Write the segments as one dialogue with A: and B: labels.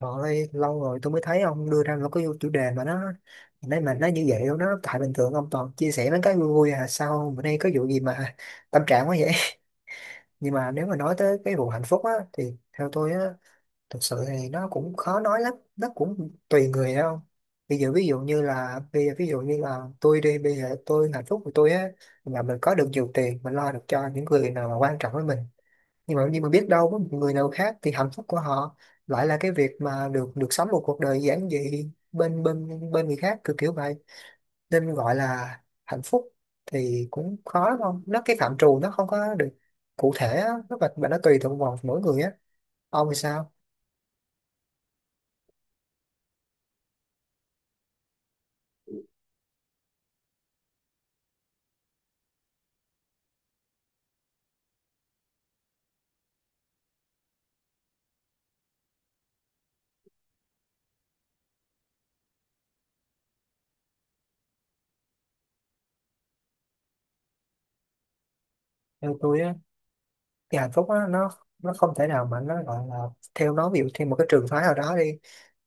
A: Trời ơi, lâu rồi tôi mới thấy ông đưa ra một cái chủ đề mà nó nãy, mà nó như vậy luôn đó. Tại bình thường ông toàn chia sẻ mấy cái vui vui, à sao bữa nay có vụ gì mà tâm trạng quá vậy? Nhưng mà nếu mà nói tới cái vụ hạnh phúc á thì theo tôi á, thực sự thì nó cũng khó nói lắm, nó cũng tùy người đâu. Bây giờ ví dụ như là bây giờ ví dụ như là tôi đi, bây giờ tôi hạnh phúc của tôi á là mình có được nhiều tiền, mình lo được cho những người nào mà quan trọng với mình. Nhưng mà biết đâu có một người nào khác thì hạnh phúc của họ lại là cái việc mà được được sống một cuộc đời giản dị bên bên bên người khác, kiểu kiểu vậy. Nên gọi là hạnh phúc thì cũng khó, đúng không? Nó cái phạm trù nó không có được cụ thể á, nó và nó tùy thuộc vào mỗi người á. Ông thì sao? Theo tôi á thì hạnh phúc á, nó không thể nào mà nó gọi là theo nó, ví dụ theo một cái trường phái nào đó đi,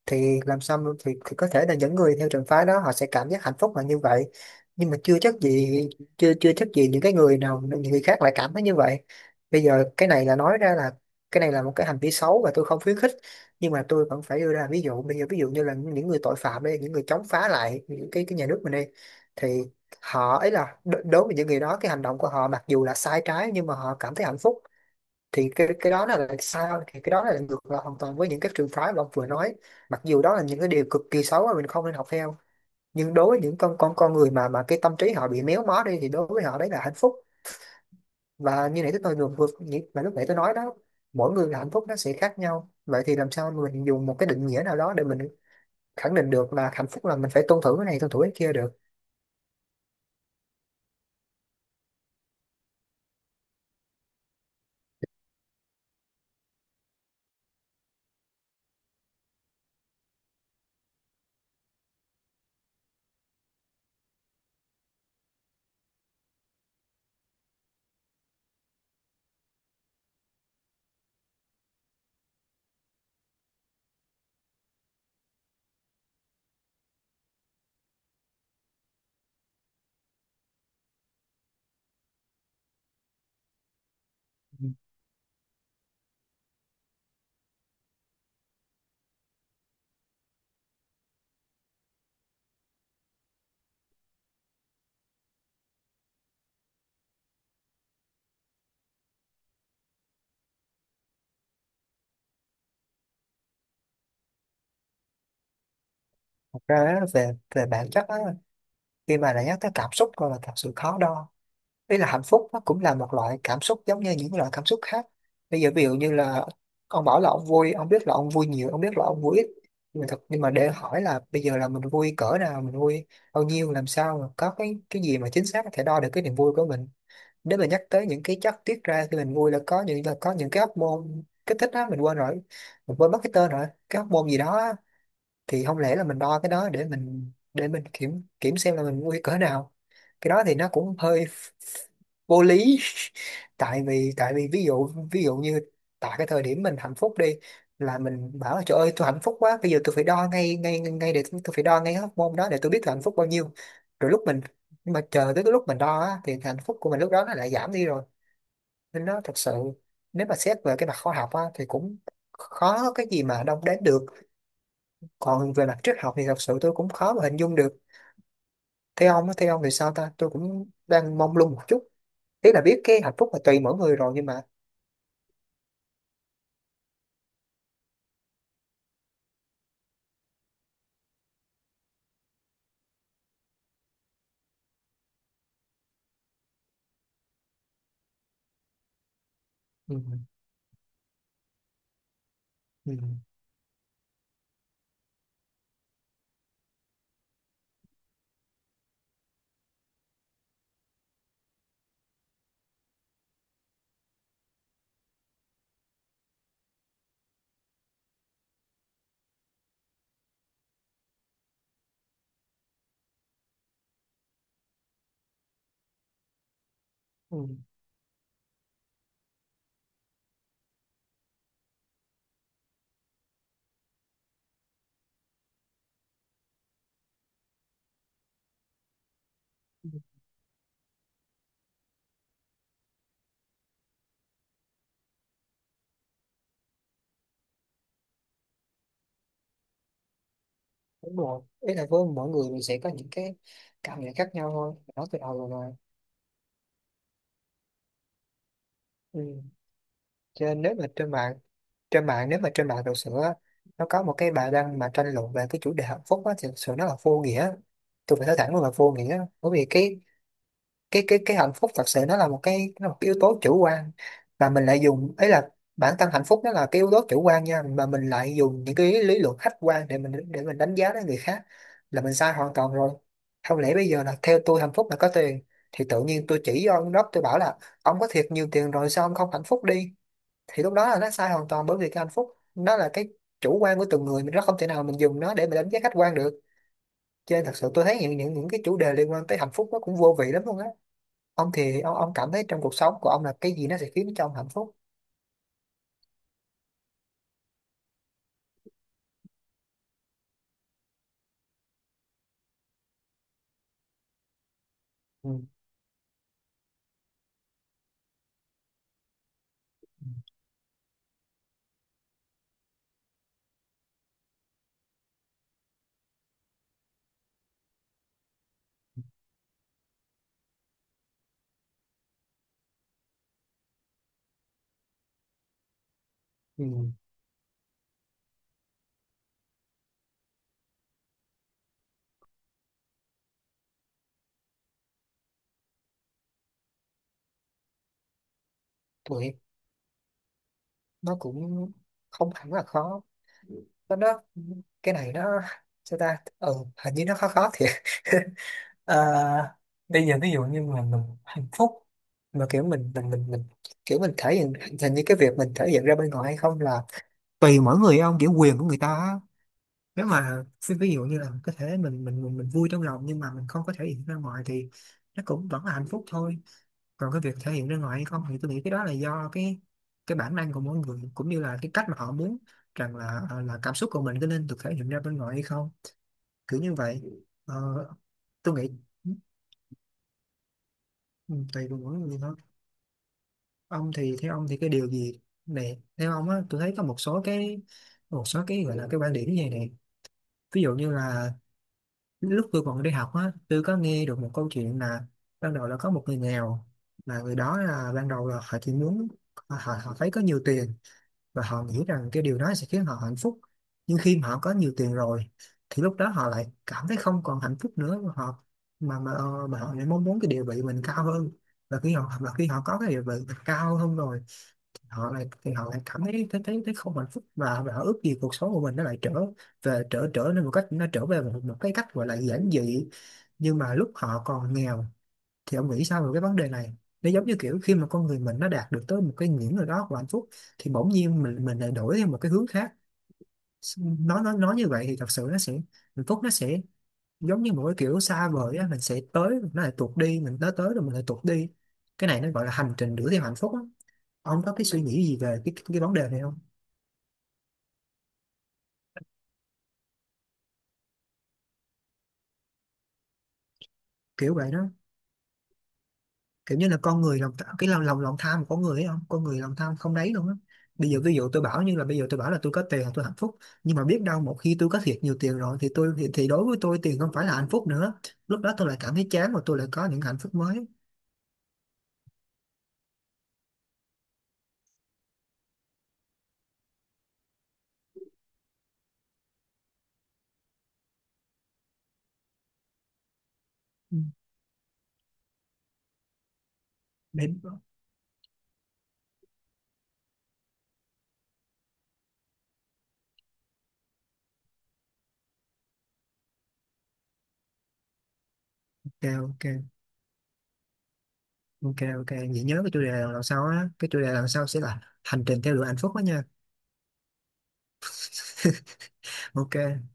A: thì làm sao mà- thì có thể là những người theo trường phái đó họ sẽ cảm giác hạnh phúc là như vậy, nhưng mà chưa chắc gì những cái người nào, những người khác lại cảm thấy như vậy. Bây giờ cái này là nói ra là, cái này là một cái hành vi xấu và tôi không khuyến khích, nhưng mà tôi vẫn phải đưa ra ví dụ. Bây giờ ví dụ như là những người tội phạm đi, những người chống phá lại những cái nhà nước mình đi, thì họ ấy là đối với những người đó, cái hành động của họ mặc dù là sai trái nhưng mà họ cảm thấy hạnh phúc. Thì cái đó là sao? Thì cái đó là ngược lại hoàn toàn với những cái trường phái mà ông vừa nói. Mặc dù đó là những cái điều cực kỳ xấu mà mình không nên học theo, nhưng đối với những con người mà cái tâm trí họ bị méo mó đi thì đối với họ đấy là hạnh phúc. Và như nãy tôi vừa vừa như- mà lúc nãy tôi nói đó, mỗi người là hạnh phúc nó sẽ khác nhau, vậy thì làm sao mình dùng một cái định nghĩa nào đó để mình khẳng định được là hạnh phúc là mình phải tuân thủ cái này tuân thủ cái kia được? Ừ. Thật ra á, về về bản chất á, khi mà đã nhắc tới cảm xúc rồi là thật sự khó đo. Ý là hạnh phúc nó cũng là một loại cảm xúc giống như những loại cảm xúc khác. Bây giờ ví dụ như là ông bảo là ông vui, ông biết là ông vui nhiều, ông biết là ông vui ít, nhưng mà để hỏi là bây giờ là mình vui cỡ nào, mình vui bao nhiêu, làm sao mà có cái gì mà chính xác có thể đo được cái niềm vui của mình? Nếu mà nhắc tới những cái chất tiết ra khi mình vui là có những cái hormone kích thích á, mình quên rồi, mình quên mất cái tên rồi, cái hormone gì đó, thì không lẽ là mình đo cái đó để mình kiểm kiểm xem là mình nguy cỡ nào? Cái đó thì nó cũng hơi vô lý. Tại vì ví dụ như tại cái thời điểm mình hạnh phúc đi, là mình bảo là trời ơi tôi hạnh phúc quá, bây giờ tôi phải đo ngay ngay ngay để tôi phải đo ngay cái hormone đó để tôi biết tôi hạnh phúc bao nhiêu, rồi lúc mình nhưng mà chờ tới cái lúc mình đo á, thì hạnh phúc của mình lúc đó nó lại giảm đi rồi. Nên nó thật sự, nếu mà xét về cái mặt khoa học á, thì cũng khó có cái gì mà đong đếm được. Còn về mặt triết học thì thật sự tôi cũng khó mà hình dung được. Theo ông á, theo ông thì sao ta, tôi cũng đang mông lung một chút. Ý là biết cái hạnh phúc là tùy mỗi người rồi nhưng mà ừ, ừ, ừ, ừ, đúng rồi. Ý là với mỗi người mình sẽ có những cái cảm nhận khác nhau thôi, nói từ đầu rồi mà. Ừ. Cho nên nếu mà trên mạng thực sự á, nó có một cái bài đăng mà tranh luận về cái chủ đề hạnh phúc á thì thực sự nó là vô nghĩa. Tôi phải nói thẳng luôn là vô nghĩa, bởi vì cái hạnh phúc thật sự nó là một cái, nó là một cái yếu tố chủ quan. Và mình lại dùng ấy là, bản thân hạnh phúc nó là cái yếu tố chủ quan nha, mà mình lại dùng những cái lý luận khách quan để mình đánh giá đến người khác là mình sai hoàn toàn rồi. Không lẽ bây giờ là theo tôi hạnh phúc là có tiền, thì tự nhiên tôi chỉ cho ông đó tôi bảo là ông có thiệt nhiều tiền rồi sao ông không hạnh phúc đi? Thì lúc đó là nó sai hoàn toàn, bởi vì cái hạnh phúc nó là cái chủ quan của từng người mình, nó không thể nào mình dùng nó để mình đánh giá khách quan được. Cho nên thật sự tôi thấy những cái chủ đề liên quan tới hạnh phúc nó cũng vô vị lắm luôn á. Ông thì ông cảm thấy trong cuộc sống của ông là cái gì nó sẽ khiến cho ông hạnh phúc? Ừ. Ừ. Tụi nó cũng không hẳn là khó, nó cái này nó sao ta, ừ, hình như nó khó khó thiệt. Ờ, bây giờ ví dụ như mà mình hạnh phúc mà kiểu mình kiểu mình thể hiện, hình như cái việc mình thể hiện ra bên ngoài hay không là tùy mỗi người ông, kiểu quyền của người ta á. Nếu mà xin ví dụ như là có thể mình vui trong lòng nhưng mà mình không có thể hiện ra ngoài thì nó cũng vẫn là hạnh phúc thôi. Còn cái việc thể hiện ra ngoài hay không thì tôi nghĩ cái đó là do cái bản năng của mỗi người, cũng như là cái cách mà họ muốn rằng là là cảm xúc của mình có nên được thể hiện ra bên ngoài hay không, kiểu như vậy. Ờ, tôi nghĩ ừ, tùy vào mỗi người thôi. Ông thì theo ông thì cái điều gì này, theo ông á, tôi thấy có một số cái, một số cái gọi là cái quan điểm như này này. Ví dụ như là lúc tôi còn đi học á, tôi có nghe được một câu chuyện là ban đầu là có một người nghèo, là người đó là ban đầu là họ chỉ muốn họ, họ thấy có nhiều tiền và họ nghĩ rằng cái điều đó sẽ khiến họ hạnh phúc. Nhưng khi mà họ có nhiều tiền rồi thì lúc đó họ lại cảm thấy không còn hạnh phúc nữa, mà họ mà họ lại mong muốn cái địa vị mình cao hơn. Và khi họ có cái địa vị mình cao hơn rồi, họ lại cảm thấy thấy không hạnh phúc, và họ ước gì cuộc sống của mình nó lại trở về trở trở nên một cách, nó trở về một cái cách gọi là giản dị, nhưng mà lúc họ còn nghèo. Thì ông nghĩ sao về cái vấn đề này? Nó giống như kiểu khi mà con người mình nó đạt được tới một cái ngưỡng nào đó của hạnh phúc thì bỗng nhiên mình lại đổi theo một cái hướng khác. Nó nói như vậy thì thật sự nó sẽ, hạnh phúc nó sẽ giống như một cái kiểu xa vời á, mình sẽ tới mình lại tuột đi, mình tới tới rồi mình lại tuột đi. Cái này nó gọi là hành trình đuổi theo hạnh phúc á. Ông có cái suy nghĩ gì về cái vấn đề này không? Kiểu vậy đó. Kiểu như là con người cái lòng lòng lòng tham của con người ấy không, con người lòng tham không đấy luôn á. Bây giờ ví dụ tôi bảo như là bây giờ tôi bảo là tôi có tiền là tôi hạnh phúc, nhưng mà biết đâu một khi tôi có thiệt nhiều tiền rồi thì thì đối với tôi tiền không phải là hạnh phúc nữa, lúc đó tôi lại cảm thấy chán và tôi lại có những hạnh phúc mới. Ừ. Ok. Ok. Ok, ok, vậy nhớ cái chủ đề lần sau á, cái chủ đề lần sau sẽ là hành trình theo đuổi hạnh phúc đó nha. Ok.